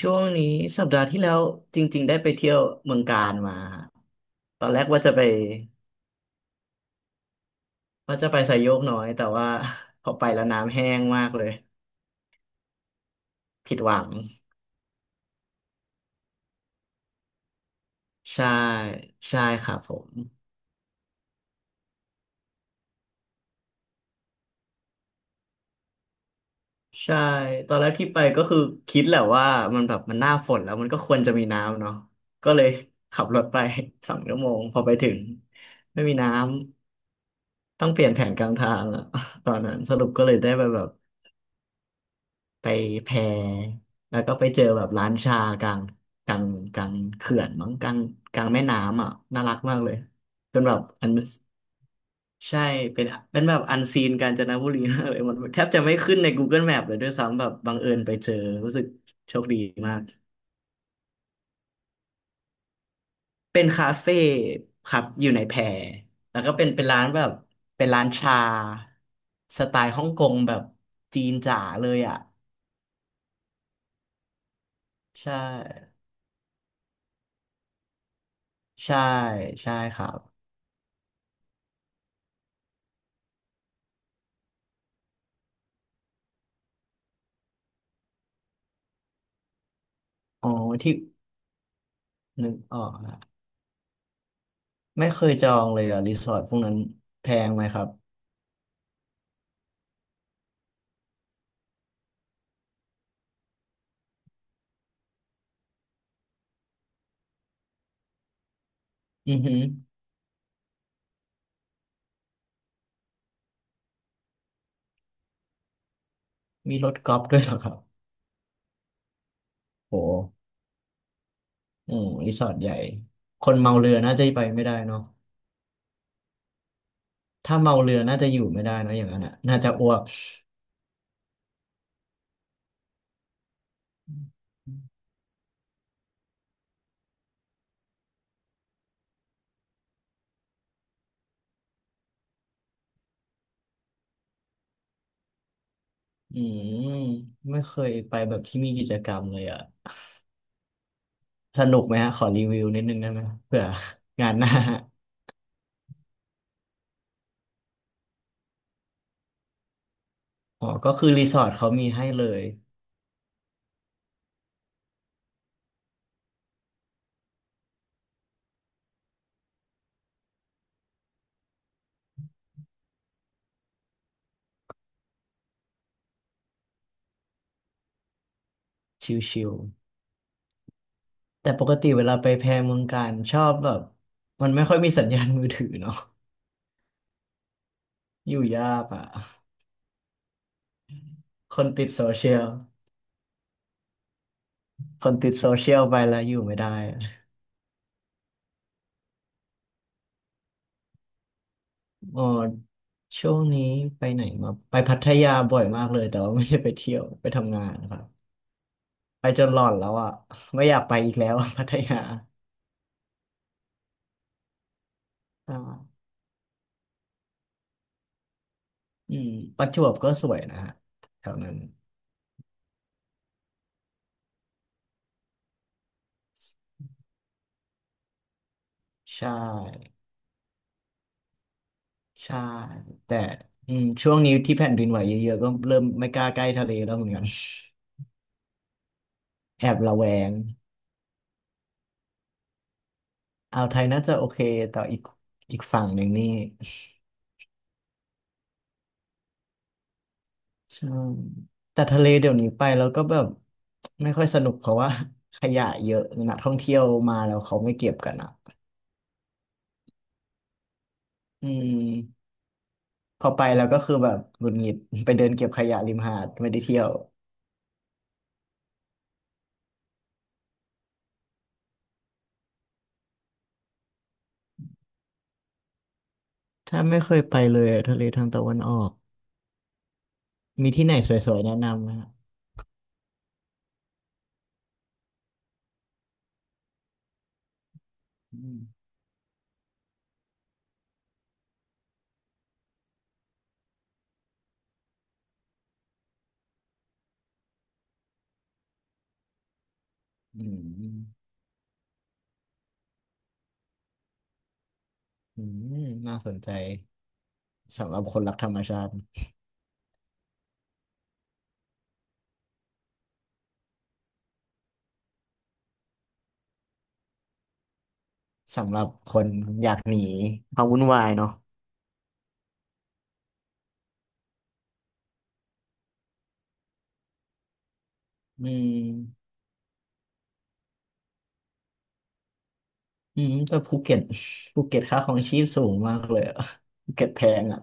ช่วงนี้สัปดาห์ที่แล้วจริงๆได้ไปเที่ยวเมืองกาญมาฮะตอนแรกว่าจะไปว่าจะไปไซโยกน้อยแต่ว่า พอไปแล้วน้ำแห้งมากเลยผิดหวังใช่ใช่ครับผมใช่ตอนแรกที่ไปก็คือคิดแหละว่ามันแบบมันหน้าฝนแล้วมันก็ควรจะมีน้ำเนาะก็เลยขับรถไป 2 ชั่วโมงพอไปถึงไม่มีน้ำต้องเปลี่ยนแผนกลางทางอะ ตอนนั้นสรุปก็เลยได้ไปแบบ ไปแพแล้วก็ไปเจอแบบร้านชากลางกลางกลางเขื่อนมั้งกลางกลางแม่น้ำอ่ะน่ารักมากเลยเป็นแบบอันใช่เป็นเป็นแบบอันซีนกาญจนบุรี มากเลยมันแทบจะไม่ขึ้นใน Google Map เลยด้วยซ้ำแบบบังเอิญไปเจอรู้สึกโชคดีมากเป็นคาเฟ่ครับอยู่ในแพแล้วก็เป็นร้านแบบเป็นร้านชาสไตล์ฮ่องกงแบบจีนจ๋าเลยอ่ะใช่ใช่ใช่ครับอ๋อที่ นึกออกอะไม่เคยจองเลยอะรีสอร์ทพวกนั้นแพงไหมครับอือหือมีรถกอล์ฟด้วยเหรอครับ โหอืมรีสอร์ทใหญ่คนเมาเรือน่าจะไปไม่ได้เนาะถ้าเมาเรือน่าจะอยู่ไม่ได้เนาะอย่างนั้นอะน่าจะอ้วกอืมไม่เคยไปแบบที่มีกิจกรรมเลยอะสนุกไหมฮะขอรีวิวนิดนึงได้ไหมเผื่อ งานหน้าอ๋อก็คือรีสอร์ทเขามีให้เลยชิล แต่ปกติเวลาไปแพรเมืองการชอบแบบมันไม่ค่อยมีสัญญาณมือถือเนาะ อยู่ยากอ่ะคนติดโซเชียลคนติดโซเชียลไปแล้วอยู่ไม่ได้อะอ๋อช่วงนี้ไปไหนมาไปพัทยาบ่อยมากเลยแต่ว่าไม่ได้ไปเที่ยวไปทำงานนะครับไปจนหลอนแล้วอ่ะไม่อยากไปอีกแล้ว พัทยาอ่าอืมประจวบก็สวยนะฮะแถวนั้นใช่ใช่แต่อืมช่วงนี้ที่แผ่นดินไหวเยอะๆก็เริ่มไม่กล้าใกล้ทะเลแล้วเหมือนกัน แอบระแวงอ่าวไทยน่าจะโอเค แต่อีกฝั่งหนึ่งนี่ใช่ แต่ทะเลเดี๋ยวนี้ไปแล้วก็แบบไม่ค่อยสนุกเพราะว่า ขยะเยอะนักท่องเที่ยวมาแล้วเขาไม่เก็บกันอ่ะ อืมพอไปแล้วก็คือแบบหงุดหงิด ไปเดินเก็บขยะริมหาดไม่ได้เที่ยว ถ้าไม่เคยไปเลยอะทะเลทางตะวันออก มีที่ไหนสวยๆแนะนำไหมฮะอืมอืมอืมน่าสนใจสำหรับคนรักธรรมชาติ สำหรับคนอยากหนีความวุ่นวายเนาะอืมอืมแต่ภูเก็ต ภูเก็ตค่าครองชีพสูงมากเลยอะ ภูเก็ตแพงอ่ะ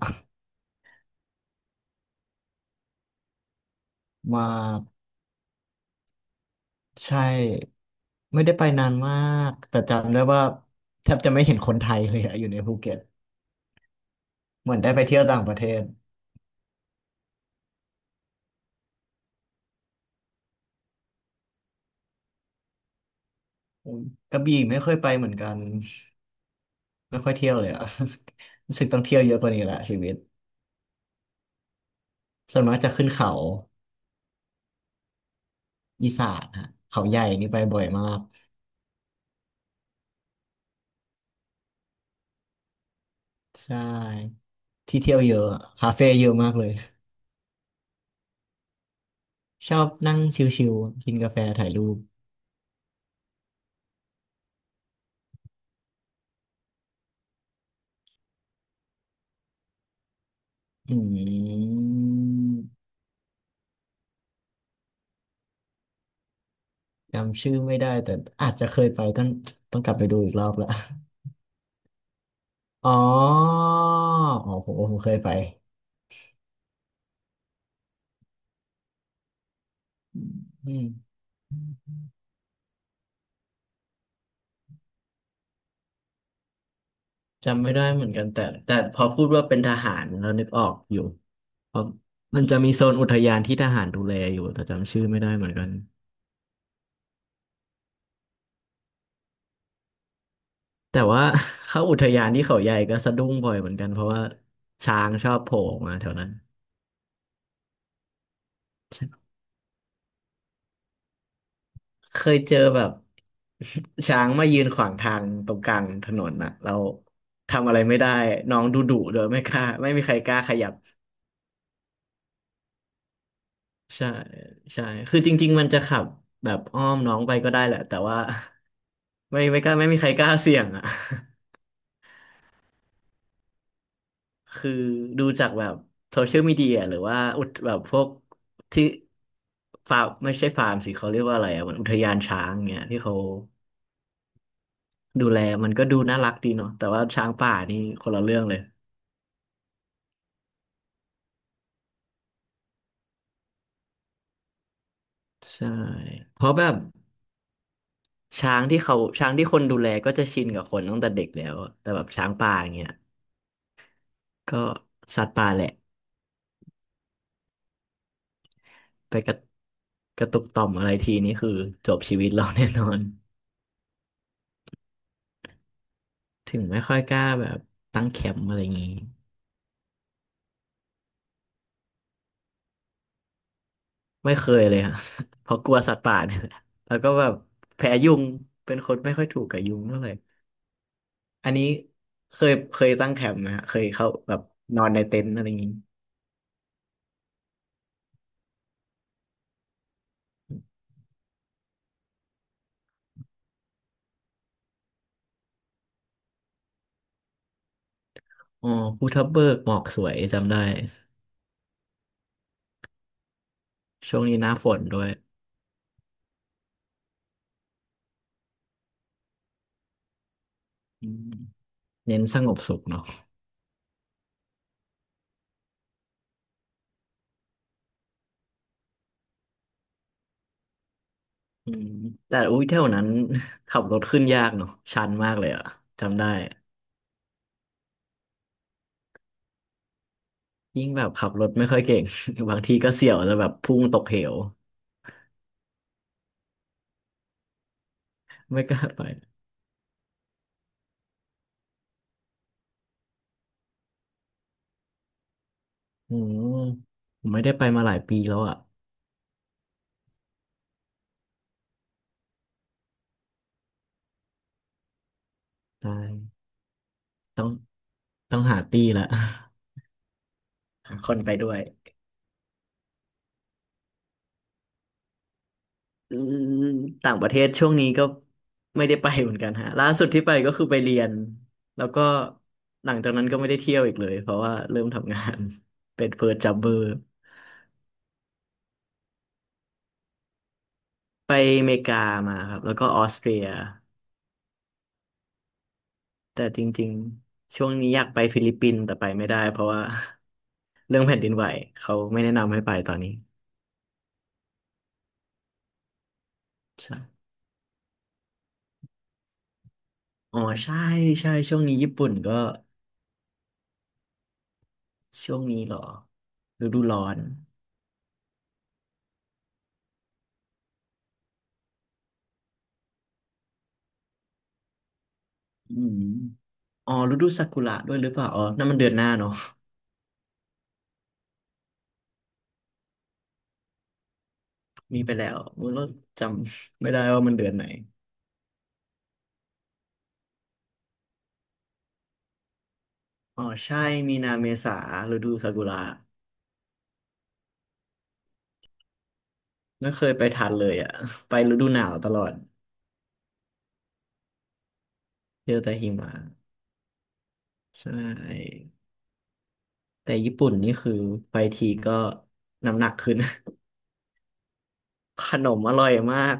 มากใช่ไม่ได้ไปนานมากแต่จำได้ว่าแทบจะไม่เห็นคนไทยเลยอะอยู่ในภูเก็ตเหมือนได้ไปเที่ยวต่างประเทศอืมกระบี่ไม่ค่อยไปเหมือนกันไม่ค่อยเที่ยวเลยอะ รู้สึกต้องเที่ยวเยอะกว่านี้แหละชีวิตส่วนมากจะขึ้นเขาอีสานฮะเขาใหญ่นี่ไปบ่อยมากใช่ ที่เที่ยวเยอะอะคาเฟ่เยอะมากเลยชอบนั่งชิลๆกินกาแฟถ่ายรูปอืมจำชื่อไม่ได้แต่อาจจะเคยไปต้องกลับไปดูอีกรอบละอ๋ออ๋อผมเคยไปอืมจำไม่ได้เหมือนกันแต่แต่พอพูดว่าเป็นทหารเรานึกออกอยู่เพราะมันจะมีโซนอุทยานที่ทหารดูแลอยู่แต่จำชื่อไม่ได้เหมือนกันแต่ว่า เข้าอุทยานที่เขาใหญ่ก็สะดุ้งบ่อยเหมือนกันเพราะว่าช้างชอบโผล่ออกมาแถวนั้น เคยเจอแบบ ช้างมายืนขวางทางตรงกลางถนนน่ะเราทำอะไรไม่ได้น้องดุดุเดยไม่มีใครกล้าขยับใช่ใช่คือจริงๆมันจะขับแบบอ้อมน้องไปก็ได้แหละแต่ว่า ไม่มีใครกล้าเสี่ยงอ่ะ คือดูจากแบบโซเชียลมีเดียหรือว่าอุทแบบพวกที่ฟาร์มไม่ใช่ฟาร์มสิเขาเรียกว่าอะไรอ่ะเหมันอุทยานช้างเงี้ยที่เขาดูแลมันก็ดูน่ารักดีเนาะแต่ว่าช้างป่านี่คนละเรื่องเลย ใช่เพราะแบบช้างที่คนดูแลก็จะชินกับคนตั้งแต่เด็กแล้วอะแต่แบบช้างป่าอย่างเงี้ยก็สัตว์ป่าแหละไปกระกระตุกต่อมอะไรทีนี่คือจบชีวิตเราแน่นอน ถึงไม่ค่อยกล้าแบบตั้งแคมป์อะไรอย่างงี้ไม่เคยเลยอะ เพราะกลัวสัตว์ป่าเนี่ยแหละแล้วก็แบบแพ้ยุง เป็นคนไม่ค่อยถูกกับยุงเท่าไหร่อันนี้เคยตั้งแคมป์ไหมฮะเคยเข้าแบบนอนในเต็นท์อะไรอย่างงี้อ๋อภูทับเบิกหมอกสวยจำได้ ช่วงนี้หน้าฝนด้วยอืมเน้นสงบสุขเนาะอืมแต่อุ้ยเท่านั้น ขับรถขึ้นยากเนาะชันมากเลยอะจำได้ ยิ่งแบบขับรถไม่ค่อยเก่ง บางทีก็เสี่ยวจะแบบพุ่งตกเหวไม่กล้าไปอืมผมไม่ได้ไปมาหลายปีแล้วอะได้ต้องต้องหาตี้ละ หาคนไปด้วย อืมต่างประเทศช่วงนี้ก็ไม่ได้ไปเหมือนกันฮะล่าสุดที่ไปก็คือไปเรียนแล้วก็หลังจากนั้นก็ไม่ได้เที่ยวอีกเลยเพราะว่าเริ่มทำงาน เป็นเพิร์จับเบอร์ไปอเมริกามาครับแล้วก็ออสเตรียแต่จริงๆช่วงนี้อยากไปฟิลิปปินส์แต่ไปไม่ได้เพราะว่า เรื่องแผ่นดินไหวเขาไม่แนะนำให้ไปตอนนี้ใช่อ๋อใช่ใช่ช่วงนี้ญี่ปุ่นก็ช่วงนี้เหรอฤดูร้อนอืม อ๋อฤดูซากุระด้วยหรือเปล่าอ๋อนั่นมันเดือนหน้าเนาะ มีไปแล้วมันก็จำไม่ได้ว่ามันเดือนไหนอ๋อใช่มีนาเมษาฤดูซากุระไม่เคยไปทันเลยอ่ะ ไปฤดูหนาวตลอดเจอแต่หิมะใช่แต่ญี่ปุ่นนี่คือไปทีก็น้ำหนักขึ้น ขนมอร่อยมาก